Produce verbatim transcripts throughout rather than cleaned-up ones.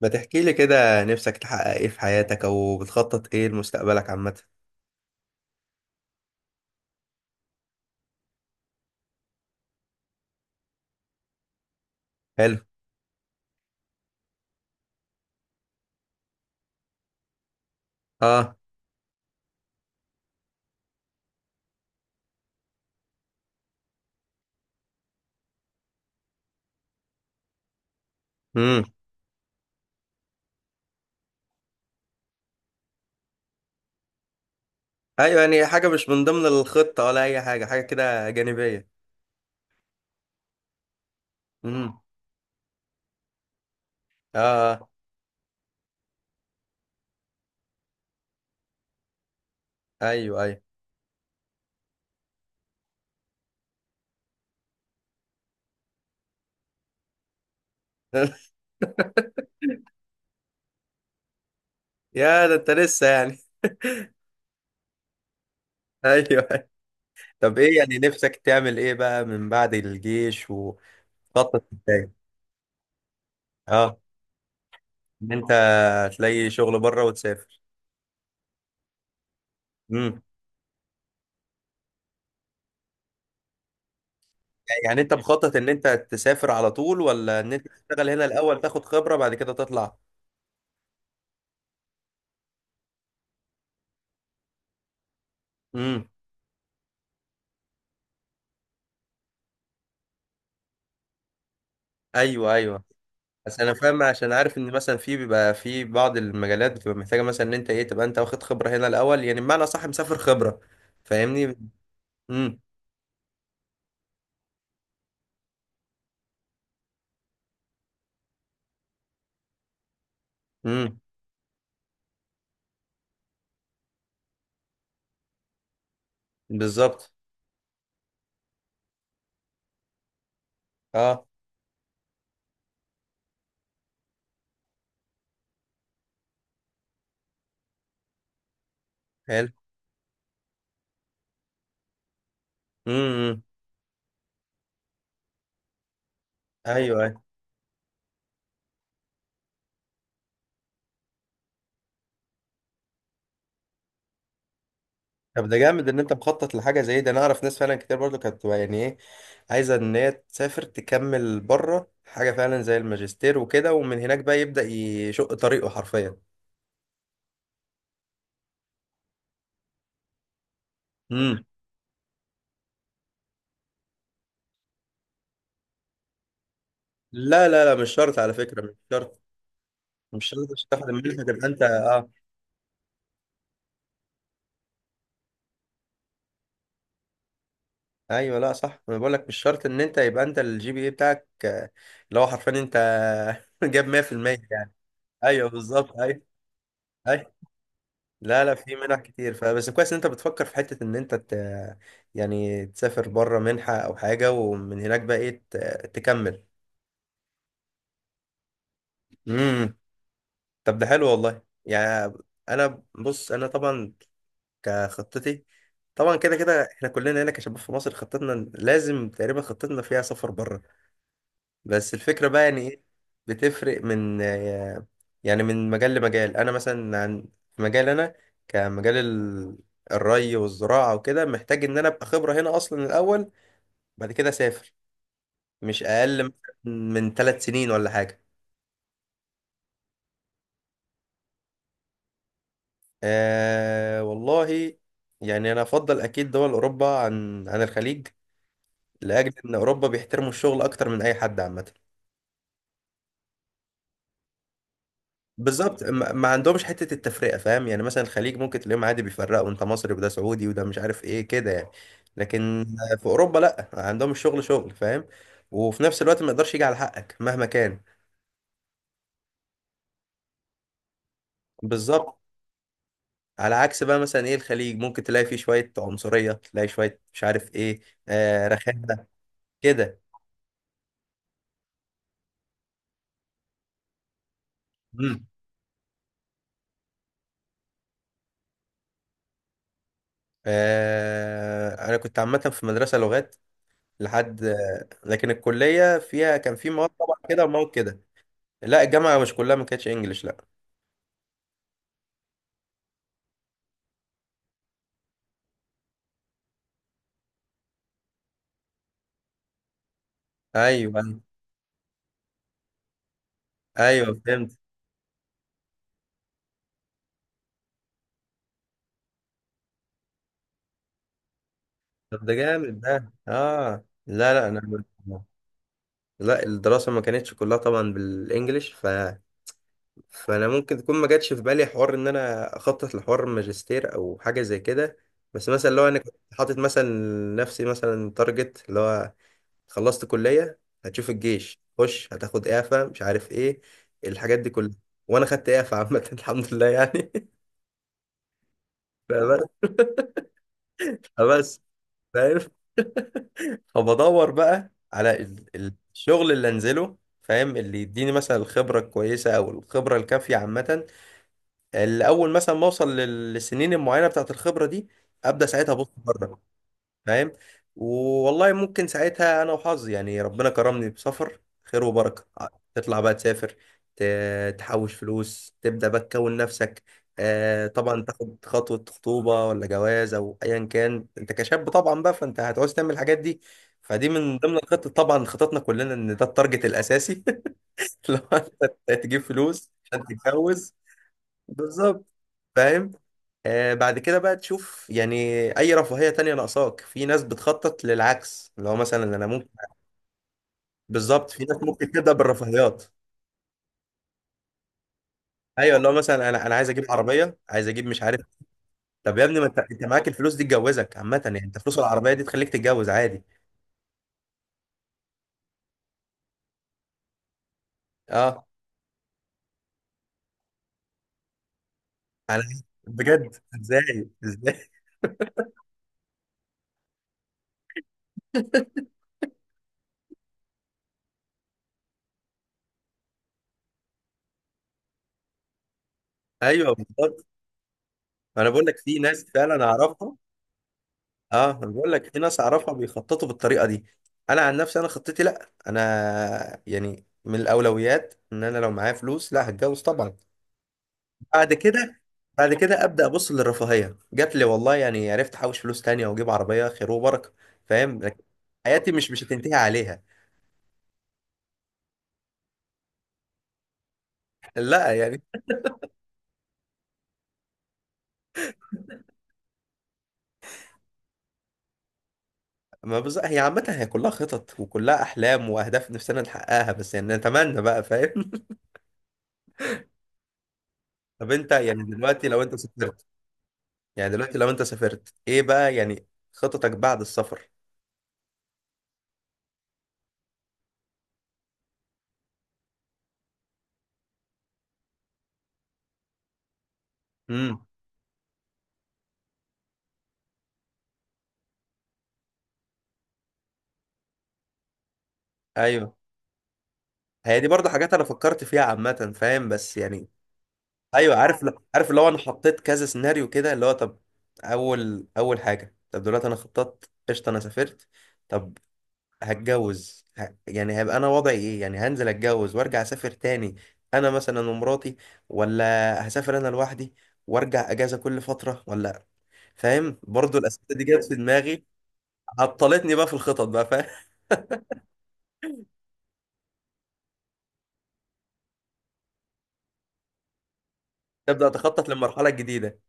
ما تحكي لي كده، نفسك تحقق ايه في حياتك او بتخطط ايه لمستقبلك عامة؟ حلو. اه. امم. ايوه، يعني حاجة مش من ضمن الخطة ولا اي حاجة، حاجة كده جانبية. امم. اه آه. ايوه ايوه. يا ده انت لسه يعني. ايوه أيوه. طب ايه يعني نفسك تعمل ايه بقى من بعد الجيش وتخطط ازاي؟ اه، ان انت تلاقي شغل بره وتسافر. امم. يعني انت مخطط ان انت تسافر على طول، ولا ان انت تشتغل هنا الاول تاخد خبرة بعد كده تطلع؟ امم. ايوه ايوه. بس انا فاهم، عشان عارف ان مثلا في بيبقى في بعض المجالات بتبقى محتاجه، مثلا ان انت ايه، تبقى انت واخد خبره هنا الاول، يعني بمعنى صح مسافر خبره. فاهمني؟ امم امم. بالظبط. اه. حلو. امم امم. ايوه ايوه. طب ده جامد ان انت مخطط لحاجه زي ده، انا اعرف ناس فعلا كتير برضو كانت بتبقى يعني ايه، عايزه ان هي تسافر تكمل بره حاجه فعلا زي الماجستير وكده، ومن هناك بقى يبدا يشق طريقه حرفيا. امم. لا لا لا مش شرط على فكره، مش شرط. مش شرط عشان تاخد المنحه تبقى انت اه. ايوه، لا صح، انا بقول لك مش شرط ان انت يبقى انت الجي بي اي بتاعك آه، اللي هو حرفيا انت جاب مية في المية يعني. ايوه بالظبط. ايوه. ايوه. لا لا في منح كتير، فبس كويس ان انت بتفكر في حته ان انت ت... يعني تسافر بره منحه او حاجه، ومن هناك بقى ايه ت... تكمل. امم. طب ده حلو والله يعني. انا بص، انا طبعا كخطتي، طبعا كده كده احنا كلنا هنا كشباب في مصر خطتنا لازم تقريبا خطتنا فيها سفر بره. بس الفكرة بقى يعني ايه، بتفرق من يعني من مجال لمجال. انا مثلا عن في مجال انا، كمجال ال- الري والزراعة وكده، محتاج ان انا ابقى خبرة هنا اصلا الاول، بعد كده اسافر، مش اقل من ثلاث سنين ولا حاجة. أه والله، يعني انا افضل اكيد دول اوروبا عن عن الخليج، لاجل ان اوروبا بيحترموا الشغل اكتر من اي حد عامة. بالظبط، ما ما عندهمش حتة التفرقة، فاهم يعني مثلا الخليج ممكن تلاقيهم عادي بيفرقوا انت مصري وده سعودي وده مش عارف ايه كده يعني. لكن في اوروبا لا، عندهم الشغل شغل فاهم، وفي نفس الوقت ما يقدرش يجي على حقك مهما كان. بالظبط. على عكس بقى مثلا ايه الخليج، ممكن تلاقي فيه شوية عنصرية، تلاقي شوية مش عارف ايه، آه رخامة كده. مم. آه انا كنت عامة في مدرسة لغات لحد آه، لكن الكلية فيها كان في مواد طبعا كده ومواد كده. لا الجامعة مش كلها، ما كانتش انجلش لا. ايوه ايوه فهمت. طب ده جامد ده. اه لا لا انا، لا الدراسه ما كانتش كلها طبعا بالانجلش ف... فانا ممكن تكون ما جاتش في بالي حوار ان انا اخطط لحوار ماجستير او حاجه زي كده. بس مثلا لو انا كنت حاطط مثلا نفسي مثلا تارجت، اللي هو خلصت كليه، هتشوف الجيش، خش هتاخد اعفاء مش عارف ايه، الحاجات دي كلها. وانا خدت اعفاء عامه الحمد لله يعني. فبس. فبس، فاهم، فبدور بقى على ال- ال- الشغل اللي انزله، فاهم، اللي يديني مثلا الخبرة الكويسة او الخبرة الكافية عامة، اللي اول مثلا ما اوصل لل- للسنين المعينة بتاعت الخبرة دي، ابدا ساعتها ابص بره، فاهم. والله ممكن ساعتها انا وحظي يعني ربنا كرمني بسفر خير وبركه آه، تطلع بقى تسافر، ت- تحوش فلوس، تبدا بقى تكون نفسك، آه طبعا تاخد خطوه خطوبه ولا جواز او ايا كان، انت كشاب طبعا بقى فانت هتعوز تعمل الحاجات دي. فدي من ضمن الخطط طبعا، خططنا كلنا ان ده التارجت الاساسي لو انت تجيب فلوس عشان تتجوز. بالظبط. فاهم. آه، بعد كده بقى تشوف يعني اي رفاهية تانية ناقصاك. في ناس بتخطط للعكس، اللي هو مثلا انا ممكن. بالظبط، في ناس ممكن تبدأ بالرفاهيات. ايوه، اللي هو مثلا انا انا عايز اجيب عربية، عايز اجيب مش عارف. طب يا ابني ما انت انت معاك الفلوس دي تجوزك عامة، يعني انت فلوس العربية دي تخليك تتجوز عادي. اه انا بجد، ازاي ازاي؟ ايوه بالظبط. انا بقول لك في ناس فعلا اعرفها. اه انا بقول لك في ناس اعرفها بيخططوا بالطريقه دي. انا عن نفسي انا خطتي لا، انا يعني من الاولويات ان انا لو معايا فلوس لا هتجوز طبعا. بعد كده، بعد كده ابدا ابص للرفاهيه، جات لي والله يعني عرفت احوش فلوس تانية واجيب عربيه خير وبركه، فاهم. لكن حياتي مش مش هتنتهي عليها. لا يعني ما بز... هي عامه هي كلها خطط وكلها احلام واهداف نفسنا نحققها بس، يعني نتمنى بقى، فاهم. طب انت يعني دلوقتي لو انت سافرت، يعني دلوقتي لو انت سافرت ايه بقى يعني خططك بعد السفر؟ امم. ايوه هي دي برضه حاجات انا فكرت فيها عامه فاهم، بس يعني. ايوه عارف. عارف، اللي هو انا حطيت كذا سيناريو كده، اللي هو طب، اول اول حاجه طب دلوقتي انا خططت قشطه، انا سافرت طب، هتجوز ه... يعني هيبقى انا وضعي ايه؟ يعني هنزل اتجوز وارجع اسافر تاني، انا مثلا ومراتي، ولا هسافر انا لوحدي وارجع اجازه كل فتره، ولا؟ فاهم، برضه الاسئله دي جت في دماغي، عطلتني بقى في الخطط بقى، فاهم. تبدا تخطط للمرحله الجديده.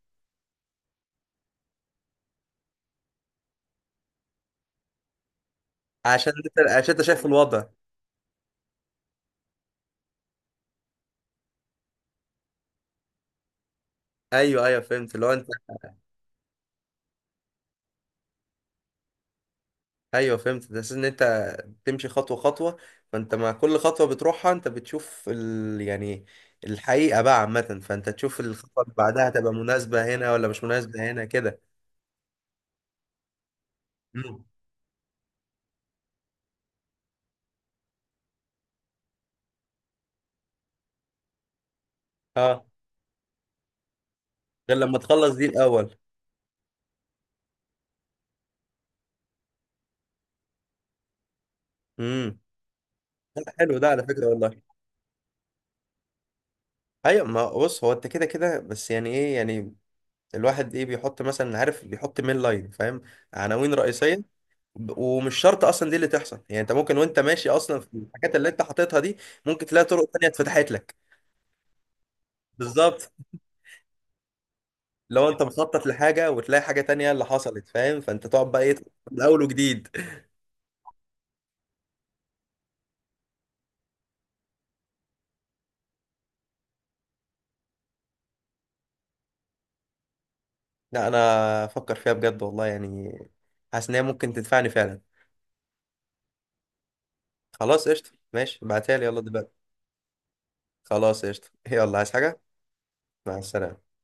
عشان انت عشان انت شايف الوضع. ايوه ايوع فهمت اللي هو انت. ايوه فهمت، ده اساس ان انت بتمشي خطوه خطوه، فانت مع كل خطوه بتروحها انت بتشوف ال... يعني الحقيقه بقى عامه، فانت تشوف الخطوه اللي بعدها هتبقى مناسبه هنا ولا مش مناسبه هنا كده. امم. اه. غير لما تخلص دي الاول. امم. حلو ده على فكره والله. ايوه ما بص، هو انت كده كده، بس يعني ايه يعني الواحد ايه بيحط مثلا، عارف، بيحط مين لاين فاهم، عناوين رئيسيه. ومش شرط اصلا دي اللي تحصل، يعني انت ممكن وانت ماشي اصلا في الحاجات اللي انت حاططها دي، ممكن تلاقي طرق تانية اتفتحت لك. بالظبط. لو انت مخطط لحاجة وتلاقي حاجة تانية اللي حصلت، فاهم، فانت تقعد بقى ايه، من الاول وجديد. لا انا افكر فيها بجد والله يعني، حاسس ان هي ممكن تنفعني فعلا. خلاص قشطة، ماشي ابعتها لي يلا دلوقتي. خلاص قشطة، يلا عايز حاجة؟ مع السلامة.